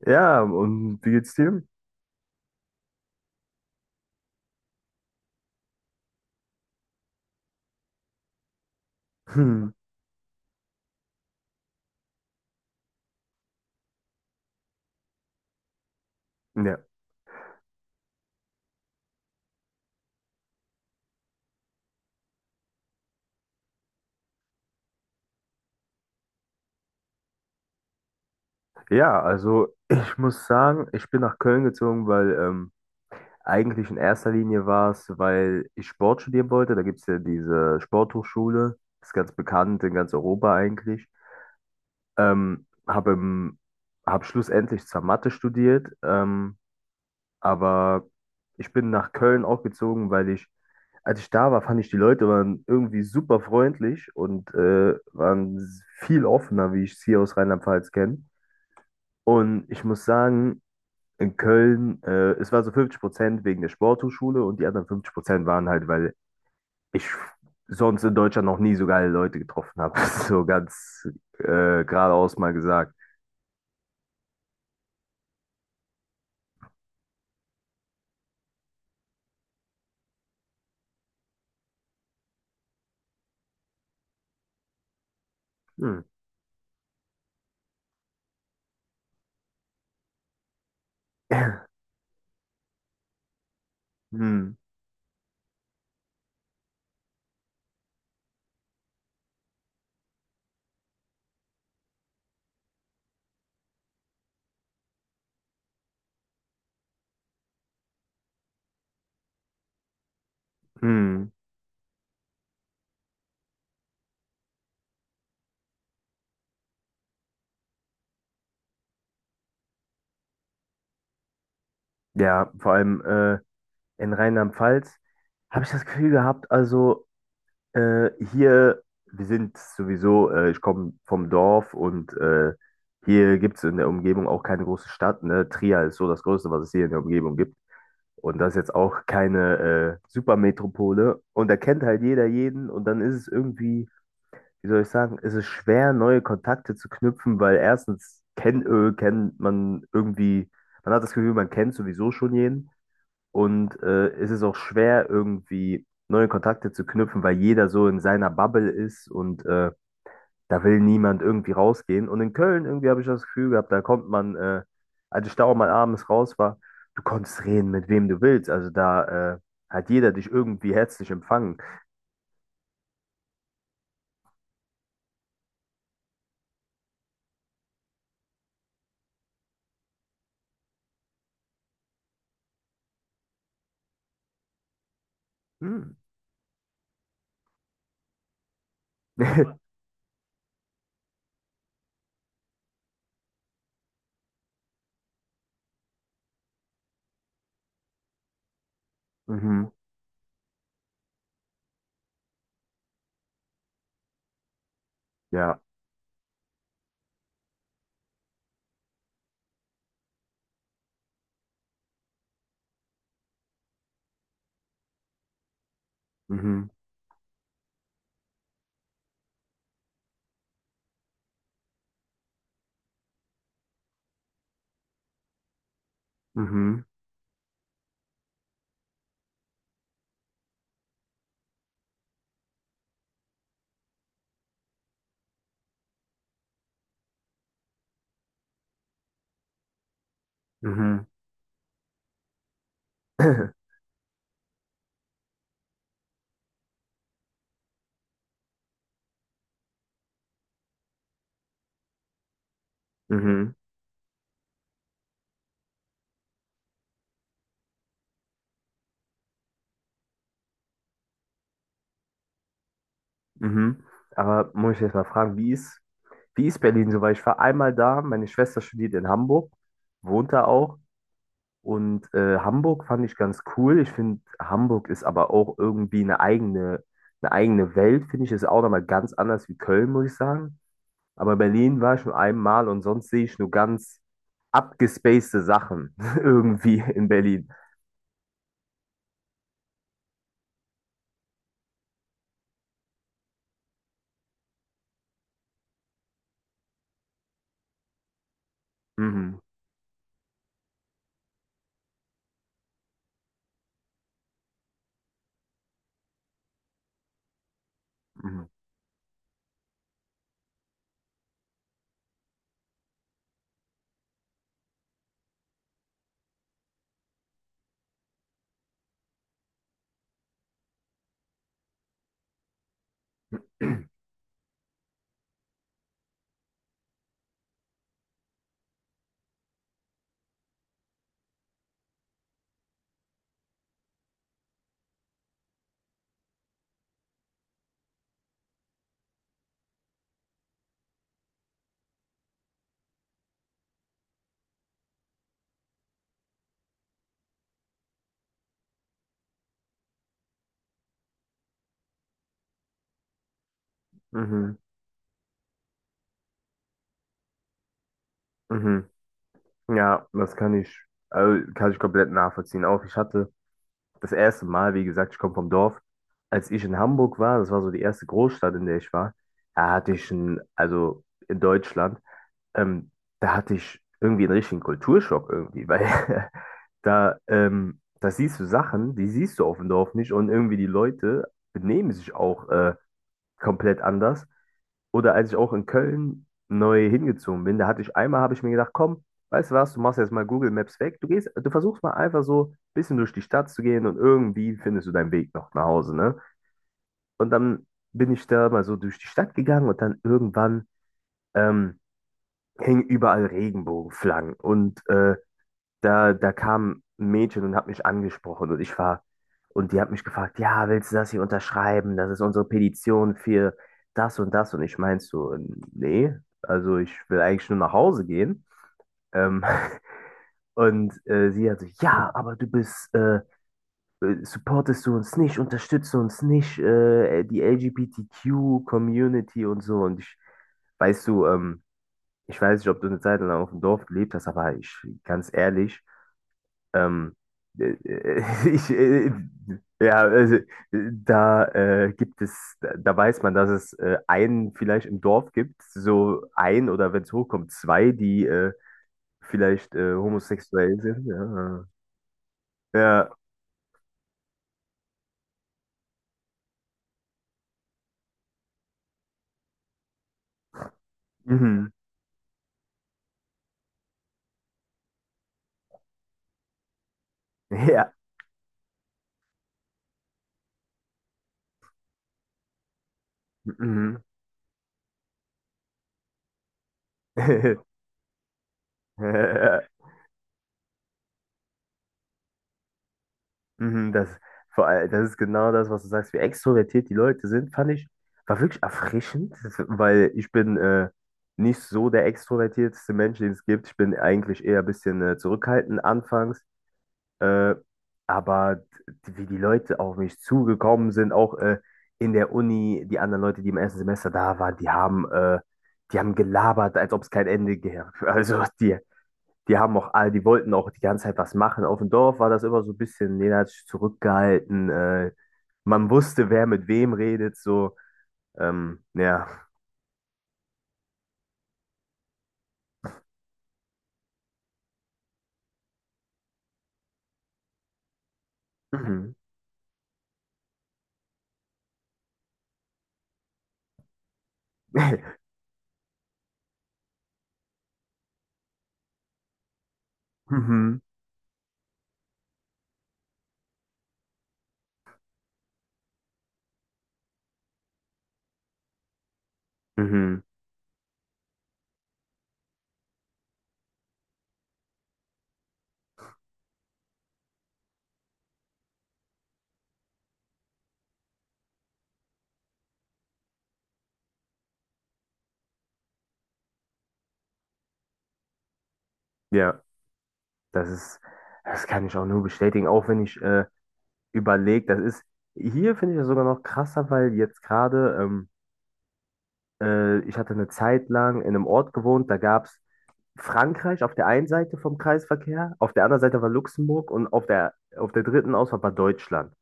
Ja, und wie geht's dir? Hm, ja. Ja, also ich muss sagen, ich bin nach Köln gezogen, weil eigentlich in erster Linie war es, weil ich Sport studieren wollte. Da gibt's ja diese Sporthochschule, ist ganz bekannt in ganz Europa eigentlich. Ähm, habe im, hab schlussendlich zwar Mathe studiert, aber ich bin nach Köln auch gezogen, weil ich, als ich da war, fand ich die Leute waren irgendwie super freundlich und waren viel offener, wie ich es hier aus Rheinland-Pfalz kenne. Und ich muss sagen, in Köln, es war so 50% wegen der Sporthochschule und die anderen 50% waren halt, weil ich sonst in Deutschland noch nie so geile Leute getroffen habe. So ganz äh, geradeaus mal gesagt. Hm. Hm. Hm. Ja, vor allem in Rheinland-Pfalz. Habe ich das Gefühl gehabt, also hier, wir sind sowieso, ich komme vom Dorf und hier gibt es in der Umgebung auch keine große Stadt. Ne? Trier ist so das Größte, was es hier in der Umgebung gibt. Und das ist jetzt auch keine Supermetropole. Und da kennt halt jeder jeden. Und dann ist es irgendwie, wie soll ich sagen, ist es schwer, neue Kontakte zu knüpfen, weil erstens kennt man irgendwie, man hat das Gefühl, man kennt sowieso schon jeden. Und es ist auch schwer, irgendwie neue Kontakte zu knüpfen, weil jeder so in seiner Bubble ist und da will niemand irgendwie rausgehen. Und in Köln irgendwie habe ich das Gefühl gehabt, da kommt man, als ich da auch mal abends raus war, du konntest reden, mit wem du willst. Also da hat jeder dich irgendwie herzlich empfangen. Hm. Mhm. Ja. Mhm. Mhm. Mhm. Mhm. Mhm. Aber muss ich jetzt mal fragen, wie ist Berlin so? Weil ich war einmal da, meine Schwester studiert in Hamburg, wohnt da auch. Und Hamburg fand ich ganz cool. Ich finde, Hamburg ist aber auch irgendwie eine eigene Welt, finde ich. Ist auch nochmal ganz anders wie Köln, muss ich sagen. Aber Berlin war ich nur einmal und sonst sehe ich nur ganz abgespacede Sachen irgendwie in Berlin. Mhm. Mhm. Mhm. Mhm. Ja, also kann ich komplett nachvollziehen. Auch ich hatte. Das erste Mal, wie gesagt, ich komme vom Dorf. Als ich in Hamburg war, das war so die erste Großstadt, in der ich war, da hatte ich einen, also in Deutschland, ähm, da hatte ich irgendwie einen richtigen Kulturschock irgendwie, weil da, da siehst du Sachen, die siehst du auf dem Dorf nicht und irgendwie die Leute benehmen sich auch. Komplett anders. Oder als ich auch in Köln neu hingezogen bin, da hatte ich einmal, habe ich mir gedacht, komm, weißt du was, du machst jetzt mal Google Maps weg, du gehst, du versuchst mal einfach so ein bisschen durch die Stadt zu gehen und irgendwie findest du deinen Weg noch nach Hause, ne? Und dann bin ich da mal so durch die Stadt gegangen und dann irgendwann ähm, hingen überall Regenbogenflaggen und da, da kam ein Mädchen und hat mich angesprochen und und die hat mich gefragt, ja, willst du das hier unterschreiben? Das ist unsere Petition für das und das. Und ich meinte so, nee, also ich will eigentlich nur nach Hause gehen. Ähm, und sie hat so, ja, aber du bist, supportest du uns nicht, unterstützt du uns nicht, die LGBTQ-Community und so. Und weißt du, ich weiß nicht, ob du eine Zeit lang auf dem Dorf gelebt hast, aber ich, ganz ehrlich, Ähm, äh, äh, ich, äh, äh, ja, also, da gibt es, da weiß man, dass es einen vielleicht im Dorf gibt, so ein oder wenn es hochkommt, zwei, die vielleicht homosexuell sind. Ja, ja, mhm. Ja, mhm. Mhm, das, vor allem, das ist genau das, was du sagst, wie extrovertiert die Leute sind, fand ich, war wirklich erfrischend, das- weil ich bin nicht so der extrovertierteste Mensch, den es gibt. Ich bin eigentlich eher ein bisschen zurückhaltend anfangs, äh, aber wie die Leute auf mich zugekommen sind, auch in der Uni, die anderen Leute, die im ersten Semester da waren, die die haben gelabert, als ob es kein Ende gäbe. Also die, die haben auch, die wollten auch die ganze Zeit was machen. Auf dem Dorf war das immer so ein bisschen, jeder hat sich zurückgehalten. Man wusste, wer mit wem redet, so. Ja. Mhm. Mhm. Mhm. Ja, das ist, das kann ich auch nur bestätigen, auch wenn ich überlege, das ist, hier finde ich das sogar noch krasser, weil jetzt gerade, ich hatte eine Zeit lang in einem Ort gewohnt, da gab es Frankreich auf der einen Seite vom Kreisverkehr, auf der anderen Seite war Luxemburg und auf auf der dritten Ausfahrt war Deutschland.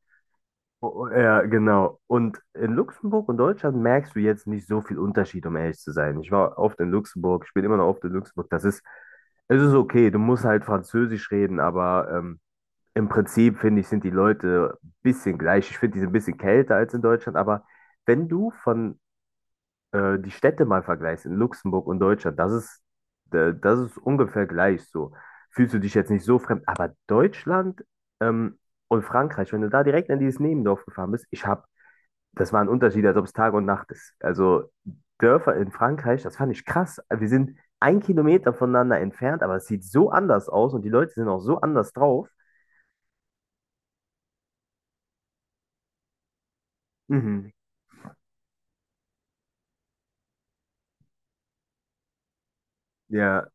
Oh, oh, ja, genau. Und in Luxemburg und Deutschland merkst du jetzt nicht so viel Unterschied, um ehrlich zu sein. Ich war oft in Luxemburg, ich bin immer noch oft in Luxemburg. Es ist okay, du musst halt Französisch reden, aber im Prinzip finde ich, sind die Leute ein bisschen gleich. Ich finde, die sind ein bisschen kälter als in Deutschland, aber wenn du von die Städte mal vergleichst, in Luxemburg und Deutschland, das ist ungefähr gleich so. Fühlst du dich jetzt nicht so fremd, aber Deutschland ähm, und Frankreich, wenn du da direkt in dieses Nebendorf gefahren bist, ich habe das war ein Unterschied, als ob es Tag und Nacht ist. Also Dörfer in Frankreich, das fand ich krass. Wir sind ein Kilometer voneinander entfernt, aber es sieht so anders aus und die Leute sind auch so anders drauf. Mhm. Ja,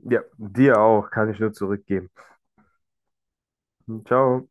ja, dir auch, kann ich nur zurückgeben. Ciao.